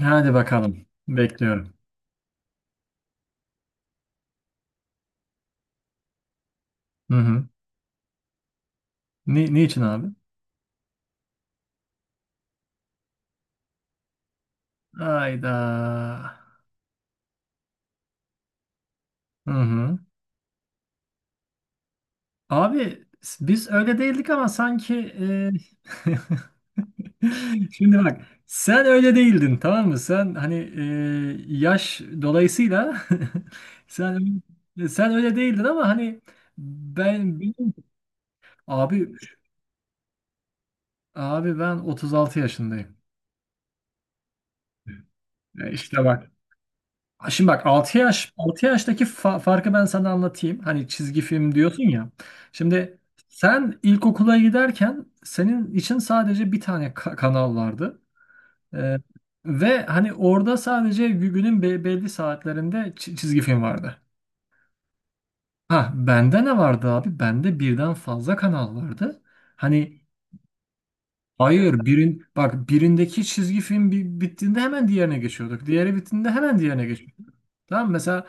Hadi bakalım. Bekliyorum. Hı hı. Niçin abi? Hayda. Hı hı. Abi, biz öyle değildik ama sanki e, şimdi bak, sen öyle değildin, tamam mı? Sen hani yaş dolayısıyla sen sen öyle değildin ama hani ben benim abi abi ben 36 yaşındayım. İşte bak. Şimdi bak, 6 yaştaki farkı ben sana anlatayım. Hani çizgi film diyorsun ya. Şimdi sen ilkokula giderken senin için sadece bir tane kanal vardı. Ee, ve hani orada sadece günün belli saatlerinde çizgi film vardı. Ha, bende ne vardı abi? Bende birden fazla kanal vardı. Hani, hayır, bak, birindeki çizgi film bittiğinde hemen diğerine geçiyorduk. Diğeri bittiğinde hemen diğerine geçiyorduk. Tamam, mesela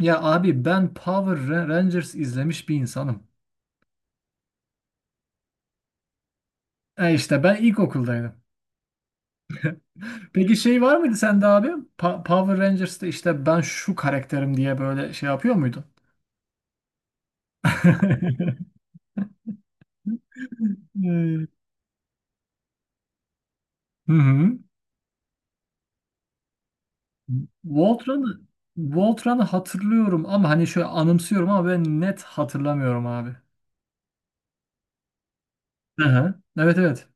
ya abi, ben Power Rangers izlemiş bir insanım. E işte ben ilkokuldaydım. Peki şey var mıydı sende abi? Power Rangers'ta işte ben şu karakterim diye böyle şey yapıyor muydun? Hmm. Hı hı. Voltran'ı Voltran'ı hatırlıyorum ama hani şöyle anımsıyorum, ama ben net hatırlamıyorum abi. Hı hı. Evet, evet.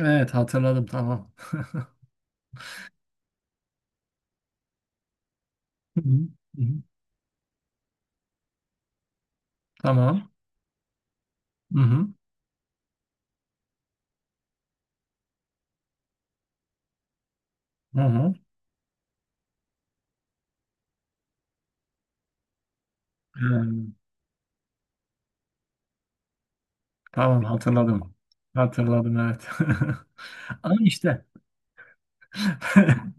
Evet, hatırladım, tamam. Hı hı. Hı hı. Tamam. Hı hı. Hı hı. Hmm. Tamam, hatırladım. Hatırladım, evet. Ama işte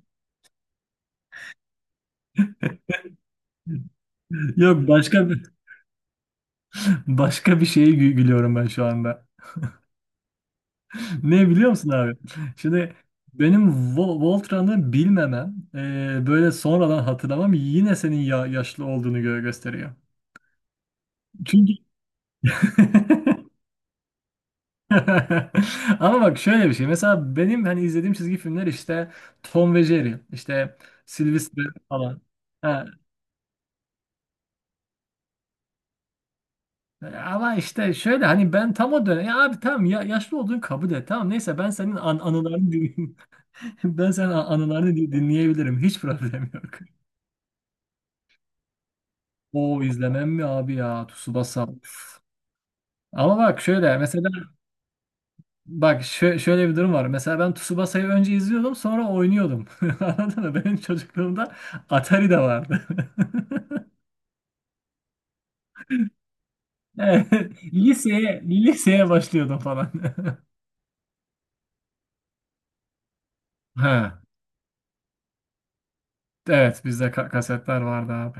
yok, başka bir şeye gülüyorum ben şu anda. Ne biliyor musun abi? Şimdi benim Voltran'ı bilmemem, böyle sonradan hatırlamam yine senin ya yaşlı olduğunu gösteriyor. Çünkü ama bak, şöyle bir şey. Mesela benim hani izlediğim çizgi filmler işte Tom ve Jerry, işte Sylvester falan. Ama işte şöyle, hani ben tam o dönem, ya abi tamam ya, yaşlı olduğunu kabul et, tamam, neyse, ben senin anılarını dinleyeyim. Ben senin anılarını dinleyebilirim, hiç problem yok. O izlemem mi abi ya, Tsubasa. Üf. Ama bak şöyle mesela, bak, şöyle bir durum var. Mesela ben Tsubasa'yı önce izliyordum, sonra oynuyordum. Anladın mı? Benim çocukluğumda Atari de vardı. Evet, liseye başlıyordum falan. Ha, evet, bizde kasetler vardı abi.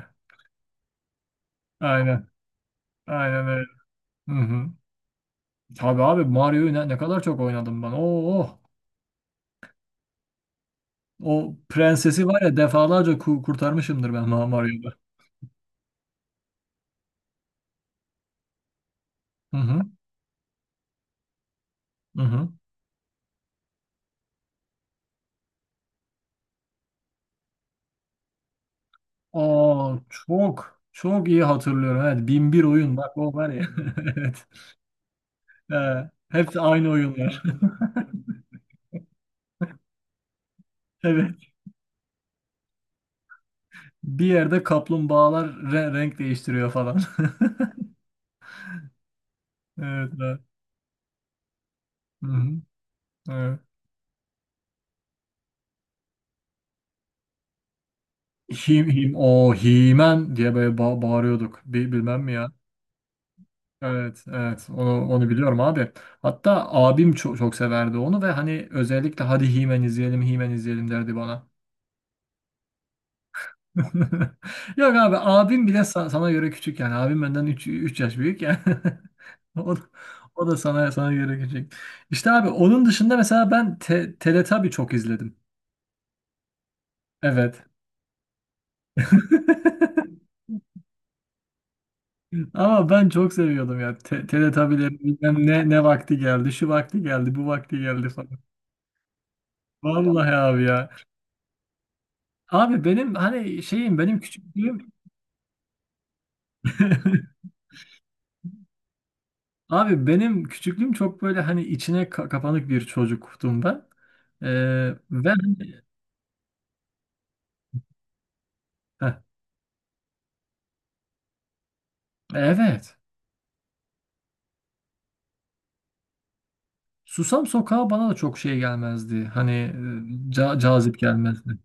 Aynen. Aynen öyle. Hı hı. Tabii abi, Mario'yu ne kadar çok oynadım ben. Oo, oh. O prensesi var ya, defalarca kurtarmışımdır ben Mario'da. Hı hı. Hı hı. Aa, çok çok iyi hatırlıyorum. Evet, 1001 oyun, bak o var ya. Evet. He, hepsi aynı oyunlar. Evet. Bir yerde kaplumbağalar renk değiştiriyor falan. Evet. Evet. Hı hı. Evet. Him, o Himen diye böyle bağırıyorduk. Bilmem mi ya. Evet, evet. Onu biliyorum abi. Hatta abim çok, çok severdi onu ve hani, özellikle "hadi Himen izleyelim, Himen izleyelim" derdi bana. Yok abi, abim bile sana göre küçük yani. Abim benden üç yaş büyük yani. O, o da sana göre küçük. İşte abi, onun dışında mesela ben Teletubby çok izledim. Evet. Ama ben çok seviyordum ya. Teletubby'lerin bilmem ne, vakti geldi, şu vakti geldi, bu vakti geldi falan. Vallahi abi ya. Abi, benim hani şeyim, benim küçüklüğüm abi, benim küçüklüğüm çok böyle hani içine kapanık bir çocuktum ben. Ee, ve hani, heh, evet. Susam Sokağı bana da çok şey gelmezdi. Hani cazip gelmezdi.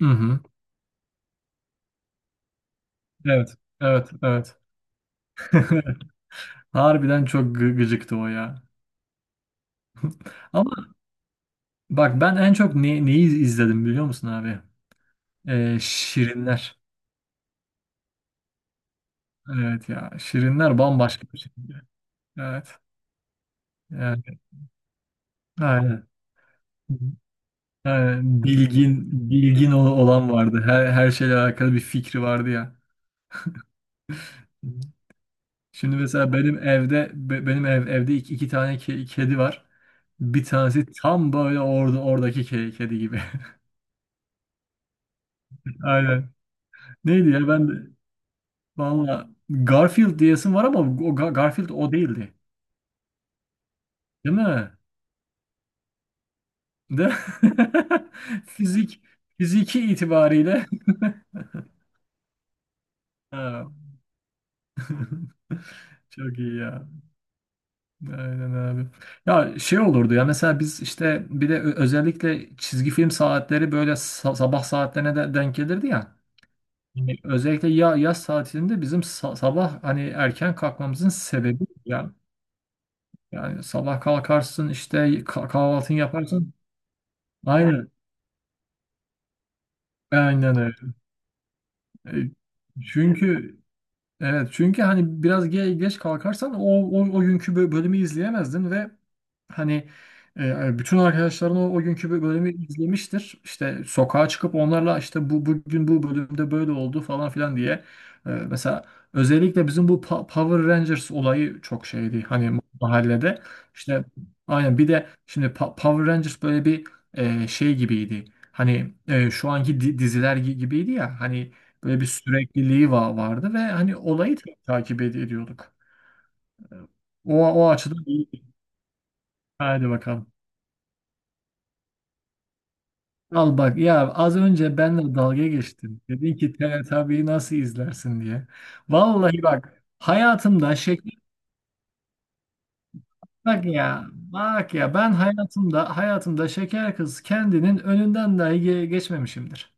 Hı hı. Evet. Evet, evet. Harbiden çok gıcıktı o ya. Ama bak, ben en çok neyi izledim biliyor musun abi? Şirinler. Evet ya. Şirinler bambaşka bir şey. Evet. Evet. Aynen. Ha, bilgin olan vardı. Her şeyle alakalı bir fikri vardı ya. Şimdi mesela benim evde be- benim ev, evde iki tane kedi var. Bir tanesi tam böyle oradaki kedi gibi. Aynen. Neydi ya, ben de valla Garfield diyesim var ama o Garfield o değildi. Değil mi? De fizik fiziki itibariyle ha. Çok iyi ya. Aynen abi. Ya şey olurdu ya, mesela biz işte bir de özellikle çizgi film saatleri böyle sabah saatlerine de denk gelirdi ya. Yani özellikle yaz saatinde bizim sabah hani erken kalkmamızın sebebi ya. Yani sabah kalkarsın işte, kahvaltını yaparsın. Aynen. Aynen öyle. E, Çünkü Evet, çünkü hani biraz geç kalkarsan o günkü bölümü izleyemezdin ve hani bütün arkadaşların o günkü bölümü izlemiştir. İşte sokağa çıkıp onlarla işte, bugün bu bölümde böyle oldu" falan filan diye. Mesela özellikle bizim bu Power Rangers olayı çok şeydi hani mahallede. İşte aynen, bir de şimdi Power Rangers böyle bir şey gibiydi. Hani şu anki diziler gibiydi ya hani. Böyle bir sürekliliği vardı ve hani olayı takip ediyorduk. O açıdan iyi. Hadi bakalım. Al bak ya, az önce benle dalga geçtin. Dedin ki Teletubbies'i nasıl izlersin diye. Vallahi bak, hayatımda şeker bak ya, ben hayatımda şeker kız kendinin önünden dahi geçmemişimdir.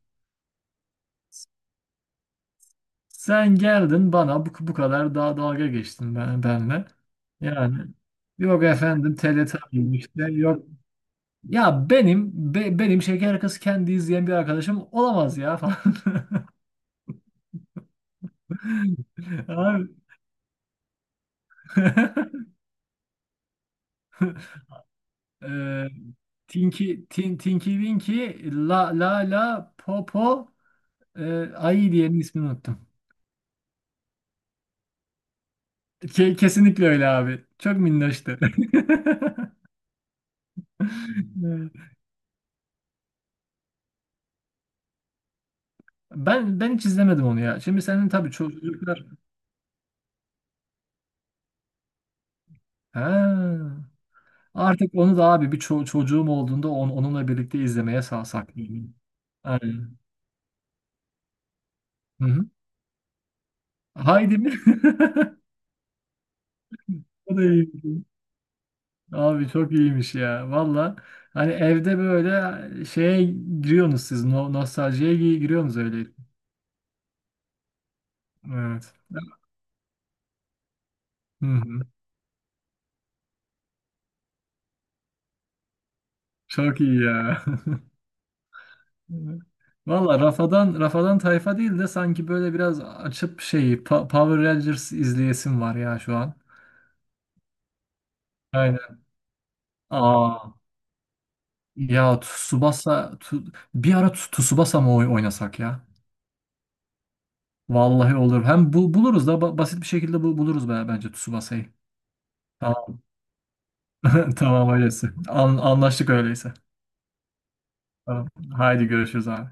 Sen geldin bana bu kadar daha dalga geçtin benle. Yani, yok efendim Teletubbies işte, yok, ya benim benim şeker kız kendi izleyen bir arkadaşım olamaz ya falan. Abi. Eee, Tinky Winky, La La, La Popo, Ayı diyenin ismini unuttum. Kesinlikle öyle abi. Çok minnoştu. Evet. Ben hiç izlemedim onu ya. Şimdi senin tabii çocuklar. Ha. Artık onu da abi, bir çocuğum olduğunda onunla birlikte izlemeye sağ saklayayım. Aynen. Hı hı. Haydi mi? O da iyi. Abi çok iyiymiş ya. Valla, hani evde böyle şeye giriyorsunuz siz. No nostaljiye giriyorsunuz öyle. Evet. Hı hı. Çok iyi ya. Valla, Rafadan tayfa değil de sanki böyle biraz açıp şeyi, Power Rangers izleyesim var ya şu an. Aynen. Aa ya, bir ara Tsubasa mı oynasak ya? Vallahi olur. Hem buluruz da basit bir şekilde buluruz bence Tsubasa'yı. Tamam, tamam öyleyse. Anlaştık öyleyse. Tamam. Haydi görüşürüz abi.